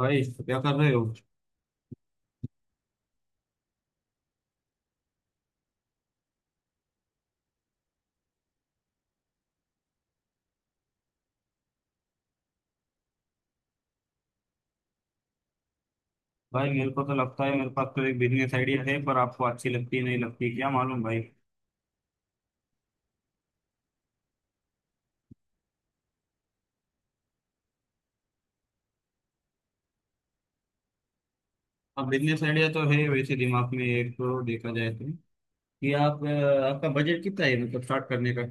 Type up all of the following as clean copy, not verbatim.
भाई, क्या कर रहे हो? भाई, मेरे को तो लगता है मेरे पास तो एक बिजनेस आइडिया है, पर आपको अच्छी लगती है नहीं लगती, क्या मालूम भाई। अब बिजनेस आइडिया तो है वैसे दिमाग में, एक तो देखा जाए तो कि आपका बजट कितना है, मतलब स्टार्ट करने का।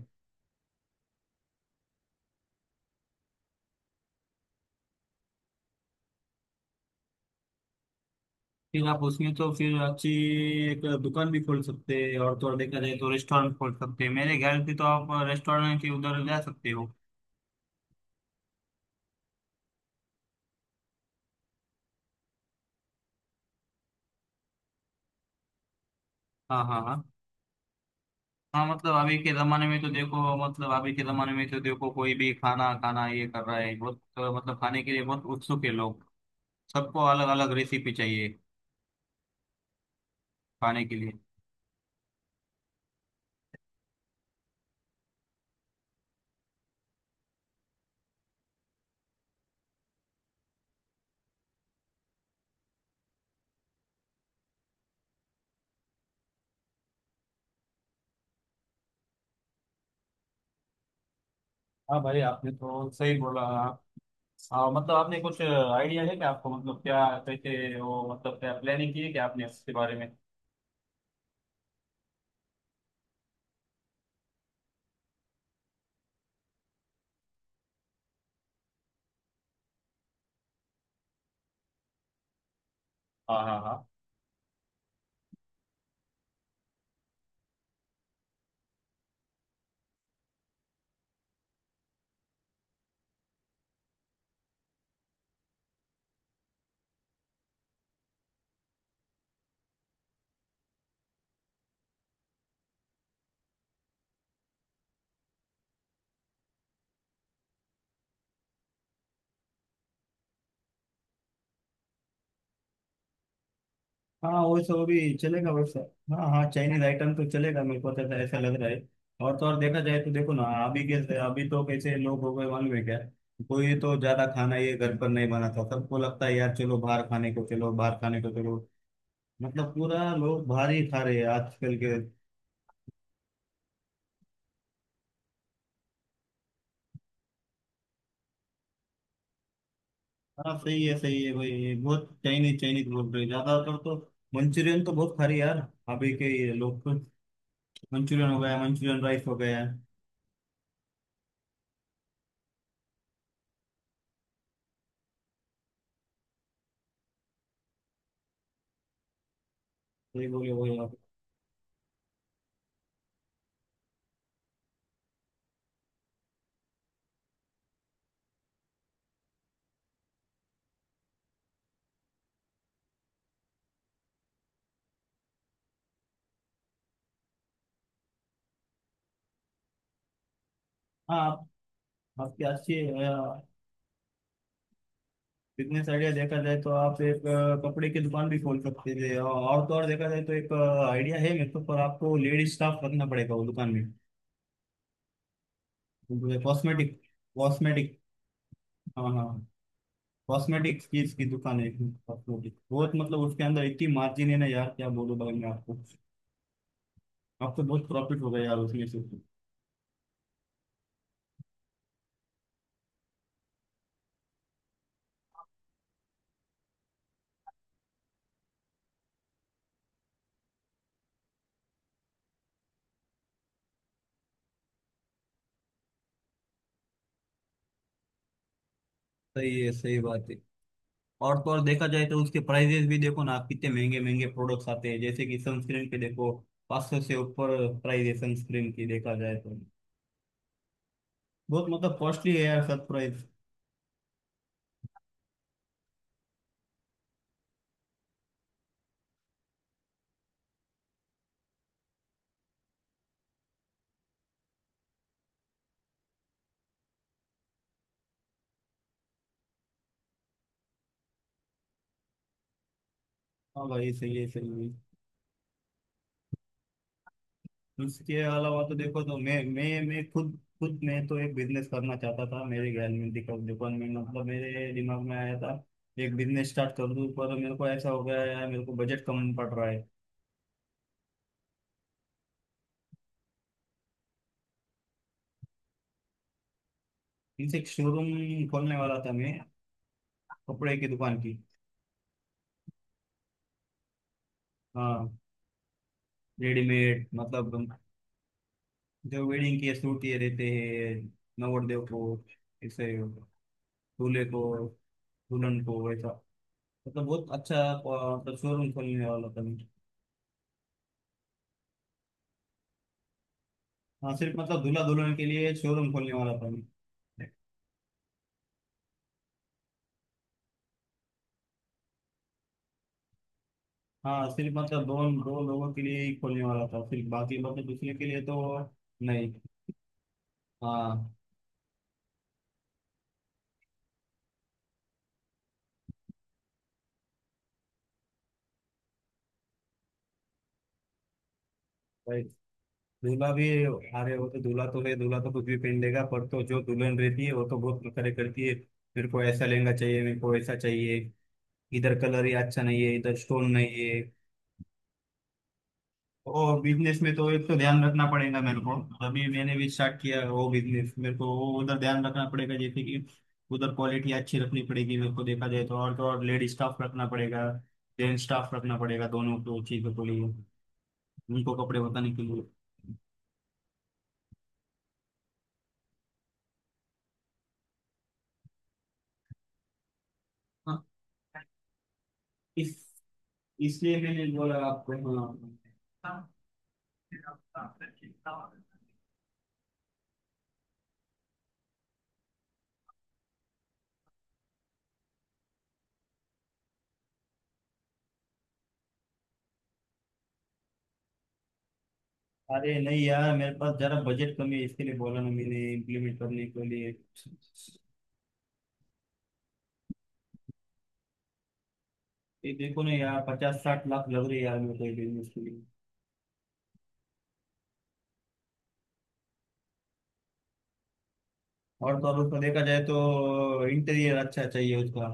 फिर आप उसमें तो फिर अच्छी एक दुकान भी खोल सकते हैं, और तो और देखा जाए तो रेस्टोरेंट खोल सकते हैं। मेरे ख्याल से तो आप रेस्टोरेंट के उधर जा सकते हो। हाँ हाँ हाँ। हाँ मतलब अभी के जमाने में तो देखो, मतलब अभी के जमाने में तो देखो कोई भी खाना खाना ये कर रहा है बहुत, मतलब खाने के लिए बहुत उत्सुक है लोग। सबको अलग अलग रेसिपी चाहिए खाने के लिए। हाँ भाई, आपने तो सही बोला आप। मतलब आपने कुछ आइडिया है क्या आपको, मतलब क्या कैसे वो, मतलब क्या प्लानिंग की है क्या आपने इसके बारे में? हाँ हाँ हाँ। हाँ वैसे वो भी चलेगा वैसे। हाँ हाँ, चाइनीज आइटम तो चलेगा, मेरे को तो ऐसा ऐसा लग रहा है। और तो और देखा जाए तो देखो ना, अभी कैसे, अभी तो कैसे लोग हो गए, मालूम है क्या? कोई तो ज्यादा खाना ये घर पर नहीं बनाता, सबको लगता है यार चलो बाहर खाने को, चलो बाहर खाने को चलो। मतलब पूरा लोग बाहर ही खा रहे हैं आजकल के। हाँ सही है भाई, बहुत चाइनीज चाइनीज बोल रहे हैं। ज्यादातर तो मंचूरियन तो बहुत खा रहे यार, अभी के ये लोग तो मंचूरियन हो गया मंचूरियन राइस हो गया। सही बोले वही आप। हाँ। आप आपकी अच्छी बिजनेस आइडिया देखा जाए तो, आप एक कपड़े की दुकान भी खोल सकते थे, और तो और देखा जाए तो एक आइडिया है मेरे को, पर आपको लेडीज स्टाफ रखना पड़ेगा वो दुकान में। Cosmetic, cosmetic. हाँ हाँ। कॉस्मेटिक चीज की दुकान है, कॉस्मेटिक बहुत मतलब उसके अंदर इतनी मार्जिन है ना यार, क्या बोलूं भाई मैं आपको। अब तो बहुत प्रॉफिट हो गया यार उसमें से। सही है, सही बात है। और तो और देखा जाए तो उसके प्राइजेस भी देखो ना कितने महंगे महंगे प्रोडक्ट्स आते हैं, जैसे कि सनस्क्रीन के देखो 500 से ऊपर प्राइस है सनस्क्रीन की देखा जाए तो। बहुत मतलब कॉस्टली है यार सब प्राइस। हाँ भाई, सही है सही है। उसके अलावा तो देखो, तो मैं खुद खुद मैं तो एक बिजनेस करना चाहता था मेरे ख्याल में, दिखा दुकान में मतलब मेरे दिमाग में आया था, एक बिजनेस स्टार्ट कर दूं, पर मेरे को ऐसा हो गया यार, मेरे को बजट कम पड़ रहा है। इनसे एक शोरूम खोलने वाला था मैं, कपड़े की दुकान की। हाँ, रेडीमेड मतलब जो वेडिंग के सूट ये रहते हैं, नवरदेव को ऐसे, दूल्हे को, दुल्हन को ऐसा, मतलब बहुत अच्छा मतलब शोरूम खोलने वाला था मैं। हाँ, सिर्फ मतलब दूल्हा दुल्हन के लिए शोरूम खोलने वाला था मैं। हाँ, सिर्फ मतलब दो दो लोगों के लिए ही खोलने वाला था सिर्फ, बाकी मतलब दूसरे के लिए तो नहीं। हाँ दूल्हा भी। अरे वो तो दूल्हा तो है, दूल्हा तो कुछ भी पहन लेगा, पर तो जो दुल्हन रहती है वो तो बहुत करे करती है। मेरे को ऐसा लहंगा चाहिए, मेरे को ऐसा चाहिए, इधर कलर ही अच्छा नहीं है, इधर स्टोन नहीं है। और बिजनेस में तो एक तो ध्यान रखना पड़ेगा मेरे को। अभी मैंने भी स्टार्ट किया है वो बिजनेस, मेरे को वो उधर ध्यान रखना पड़ेगा, जैसे कि उधर क्वालिटी अच्छी रखनी पड़ेगी मेरे को देखा जाए तो, और तो और लेडी स्टाफ रखना पड़ेगा, जेंट्स स्टाफ रखना पड़ेगा, दोनों को चीजों के लिए उनको कपड़े बताने के लिए। हाँ। इस इसलिए मैंने बोला आपको। हाँ। अरे नहीं यार, मेरे पास जरा बजट कमी है, इसके लिए बोला ना मैंने इम्प्लीमेंट करने के लिए। ये देखो ना यार, 50-60 लाख लग रही है यार मेरे को ये बिजनेस के लिए, और तो और उसको देखा जाए तो इंटीरियर अच्छा चाहिए उसका।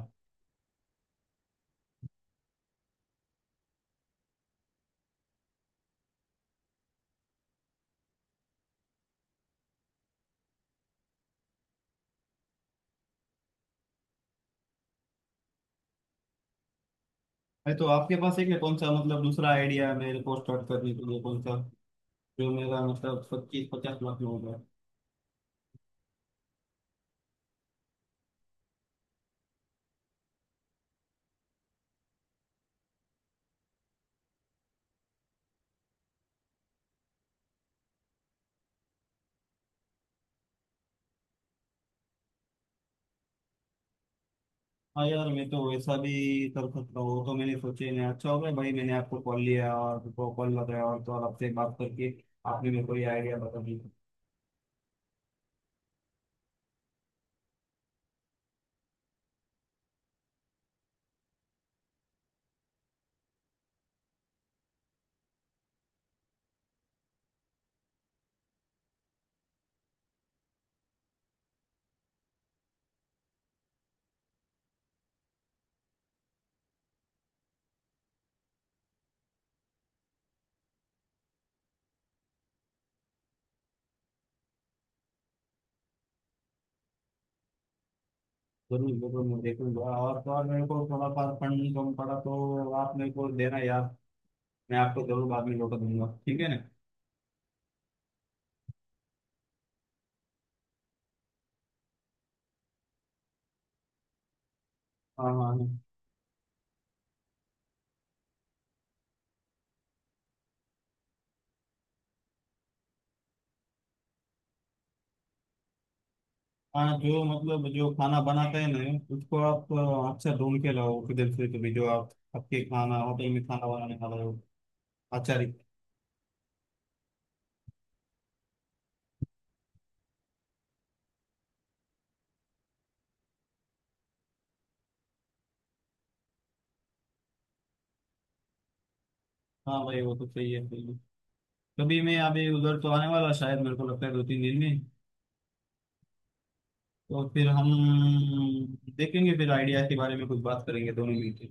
है तो आपके पास है क्या कौन सा मतलब दूसरा आइडिया मेरे को स्टार्ट करने के लिए, कौन सा जो मेरा मतलब 25-50 लाख में होगा? हाँ यार, मैं तो वैसा भी कर सकता हूँ वो तो, मैंने सोचे नहीं। अच्छा हो गया भाई मैंने आपको कॉल लिया और आपको कॉल लगाया, और तो और आपसे बात करके आपने मेरे को ये आइडिया बता दी। जरूर जरूर मैं देखूंगा, और तो और मेरे को थोड़ा पास फंड कम पड़ा तो आप मेरे को देना यार, मैं आपको जरूर बाद में लौटा दूंगा, ठीक है ना? हाँ हाँ हाँ। हाँ, जो मतलब जो खाना बनाते हैं ना उसको आप अच्छा ढूंढ के लाओ किधर से तो भी, जो आप आपके खाना, होटल में खाना बनाने वाला हो अच्छा। हाँ भाई वो तो सही है सही है। कभी मैं अभी उधर तो आने वाला शायद, मेरे को लगता है 2-3 दिन में, तो फिर हम देखेंगे, फिर आइडिया के बारे में कुछ बात करेंगे दोनों मिलकर।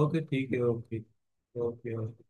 ओके ठीक है ओके। Okay okay.